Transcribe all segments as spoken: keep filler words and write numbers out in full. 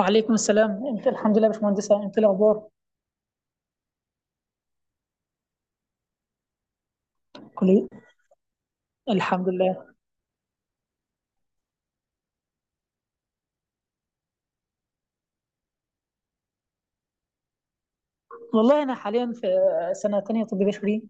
وعليكم السلام. انت؟ الحمد لله يا باشمهندسه، انت إيه الاخبار؟ كلية. الحمد لله. والله انا حاليا في سنه تانية طب بشري.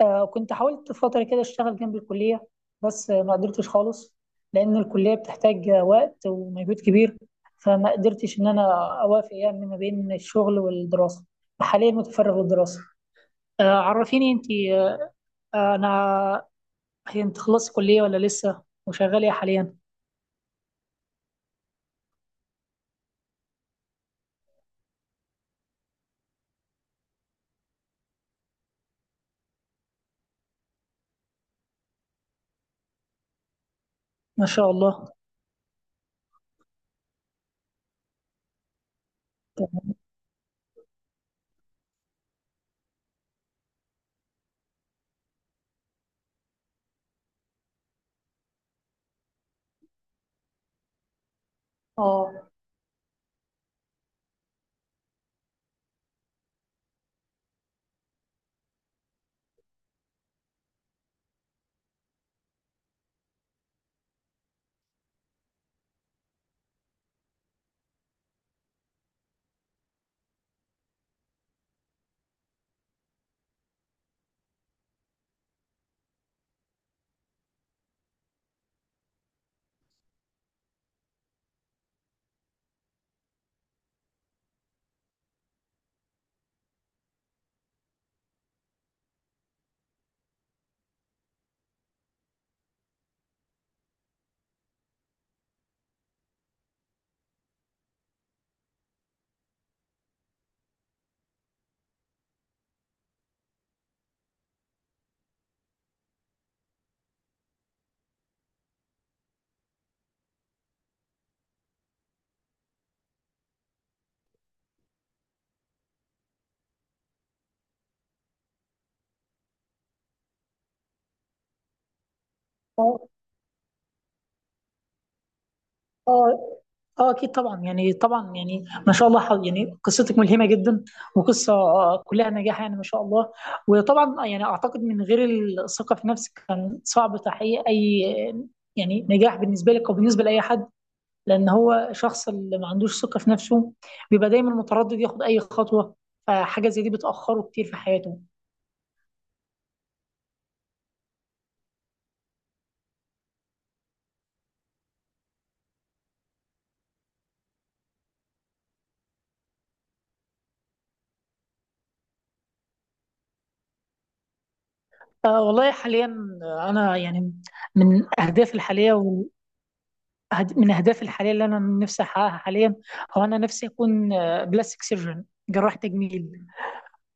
آه كنت حاولت فتره كده اشتغل جنب الكليه، بس آه، ما قدرتش خالص، لان الكليه بتحتاج آه، وقت ومجهود كبير، فما قدرتش ان انا اوافق يعني ما بين الشغل والدراسه. حاليا متفرغ للدراسه. آه عرفيني انت. آه انا هي انت خلصت كليه ولا لسه، وشغاله إيه حاليا؟ ما شاء الله. اه اه اه اه اكيد طبعا، يعني طبعا يعني ما شاء الله، حظ- يعني قصتك ملهمه جدا، وقصه آه، كلها نجاح يعني ما شاء الله. وطبعا يعني اعتقد من غير الثقه في نفسك كان صعب تحقيق اي يعني نجاح بالنسبه لك او بالنسبه لاي حد، لان هو شخص اللي ما عندوش ثقه في نفسه بيبقى دايما متردد ياخد اي خطوه، فحاجه زي دي بتاخره كتير في حياته. آه والله حاليا انا يعني من اهدافي الحاليه، هد- من أهدافي الحالية اللي أنا نفسي أحققها حاليا هو أنا نفسي أكون آه، بلاستيك سيرجن، جراح تجميل.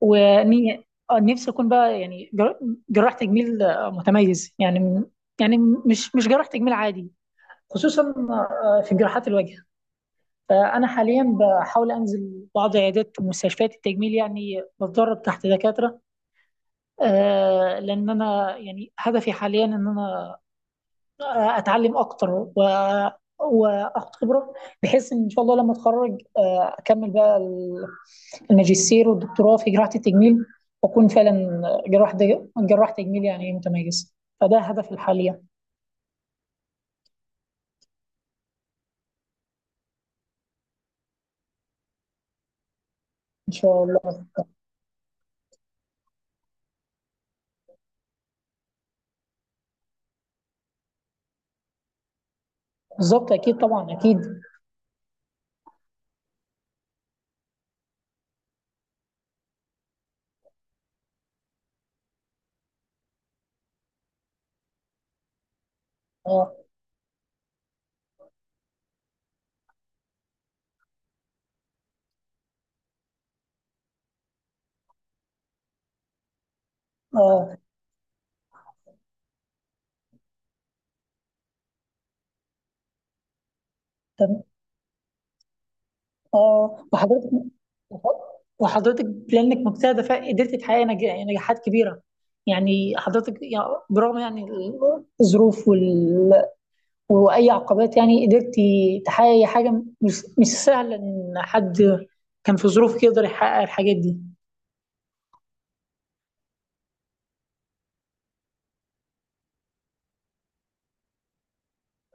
وني آه، نفسي أكون بقى يعني جر- جراح تجميل آه، متميز، يعني م- يعني م- مش مش جراح تجميل عادي، خصوصا آه، في جراحات الوجه. فأنا حاليا بحاول أنزل بعض عيادات ومستشفيات التجميل، يعني بتدرب تحت دكاترة، آه، لأن أنا يعني هدفي حاليا إن أنا آه، اتعلم اكتر و واخد خبره، بحيث ان ان شاء الله لما اتخرج آه، اكمل بقى ال- الماجستير والدكتوراه في جراحه التجميل، واكون فعلا جراح د- جراح تجميل يعني متميز. فده هدفي الحالي ان شاء الله. بالظبط اكيد طبعا اكيد. اه اه تم- اه وحضرتك وحضرتك بلانك مجتهده فقدرت تحققي نج- يعني نجاحات كبيره، يعني حضرتك يعني برغم يعني الظروف وال واي عقبات، يعني قدرتي تحققي حاجه مش مش سهله ان حد كان في ظروفك يقدر يحقق الحاجات دي.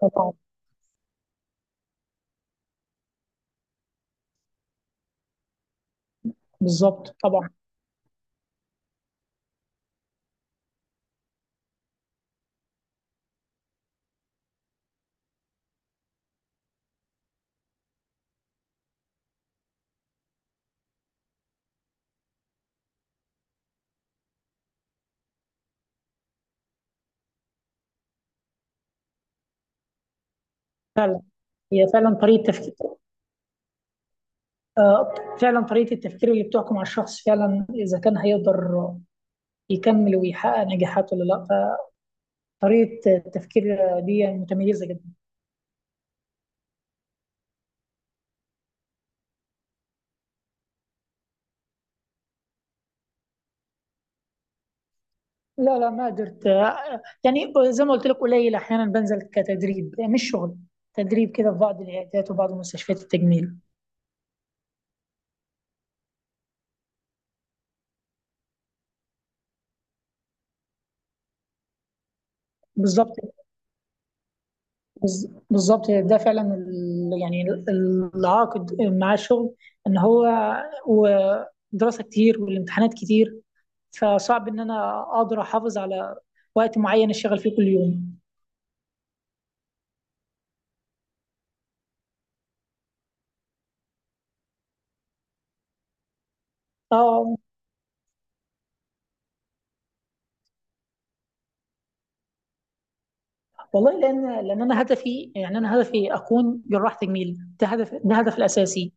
طبعا، بالظبط طبعا. هي فعلا طريقه تفكير، آه، فعلا طريقه التفكير اللي بتحكم على الشخص فعلا اذا كان هيقدر يكمل ويحقق نجاحات ولا لا، فطريقه التفكير دي متميزه جدا. لا لا، ما قدرت، آه، يعني زي ما قلت لك قليل احيانا بنزل كتدريب مش شغل، تدريب كده في بعض العيادات وبعض مستشفيات التجميل. بالظبط، بز- بالظبط، يعني ده فعلا ال- يعني ال- العائق مع الشغل ان هو ودراسه كتير والامتحانات كتير، فصعب ان انا اقدر احافظ على وقت معين اشتغل فيه كل يوم. اه والله، لان لان انا هدفي يعني انا هدفي اكون جراح تجميل، ده هدف ده هدف الاساسي،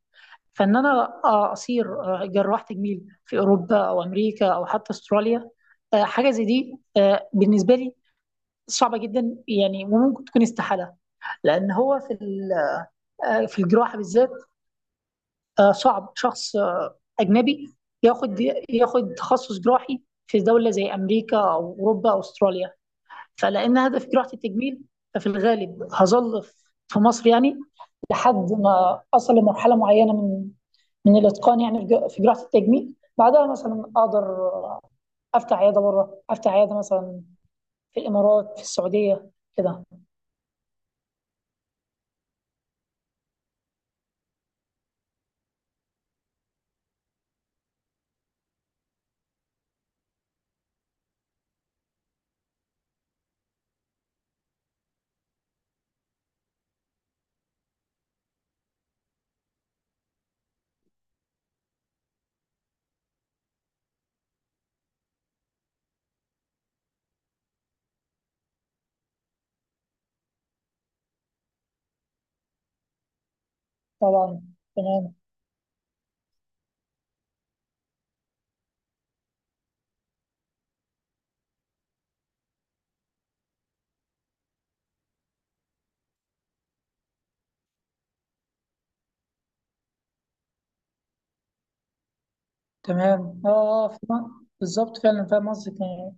فان انا اصير جراح تجميل في اوروبا او امريكا او حتى استراليا. آه، حاجه زي دي آه، بالنسبه لي صعبه جدا يعني، وممكن تكون استحاله، لان هو في في الجراحه بالذات آه، صعب شخص آه، اجنبي ياخد ياخد تخصص جراحي في دوله زي امريكا او اوروبا او استراليا. فلان هدف جراحه التجميل، ففي الغالب هظل في مصر يعني لحد ما اصل لمرحله معينه من من الاتقان يعني في جراحه التجميل، بعدها مثلا اقدر آه، افتح عياده بره، افتح عياده مثلا في الامارات، في السعوديه كده. طبعا، تمام، تمام. اه اه فاهم- بالظبط، فعلا فاهم قصدك يعني.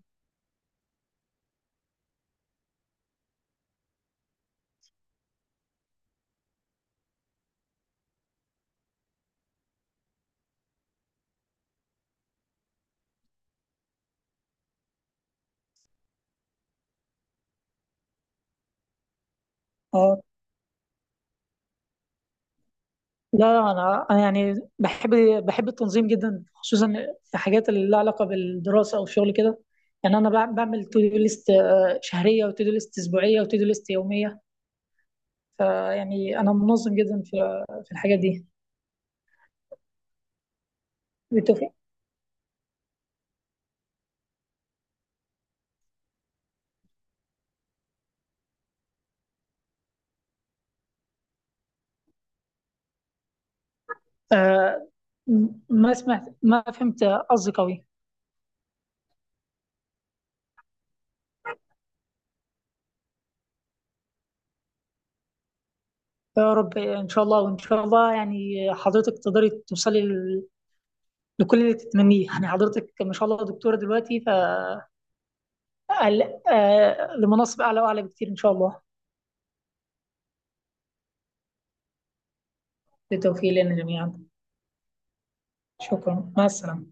اه لا، انا انا يعني بحب بحب التنظيم جدا، خصوصا في حاجات اللي لها علاقه بالدراسه او الشغل كده، يعني انا بع- بعمل تو دو ليست شهريه وتو دو ليست اسبوعيه وتو دو ليست يوميه. فيعني انا منظم جدا في في الحاجات دي. بالتوفيق. آه، م- ما سمعت، ما فهمت قصدك قوي. يا رب ان شاء الله، وان شاء الله يعني حضرتك تقدري توصلي لكل اللي تتمنيه، يعني حضرتك ما شاء الله دكتورة دلوقتي، ف آه، لمناصب أعلى وأعلى بكتير إن شاء الله. بالتوفيق لنا جميعا. شكرا، مع السلامة.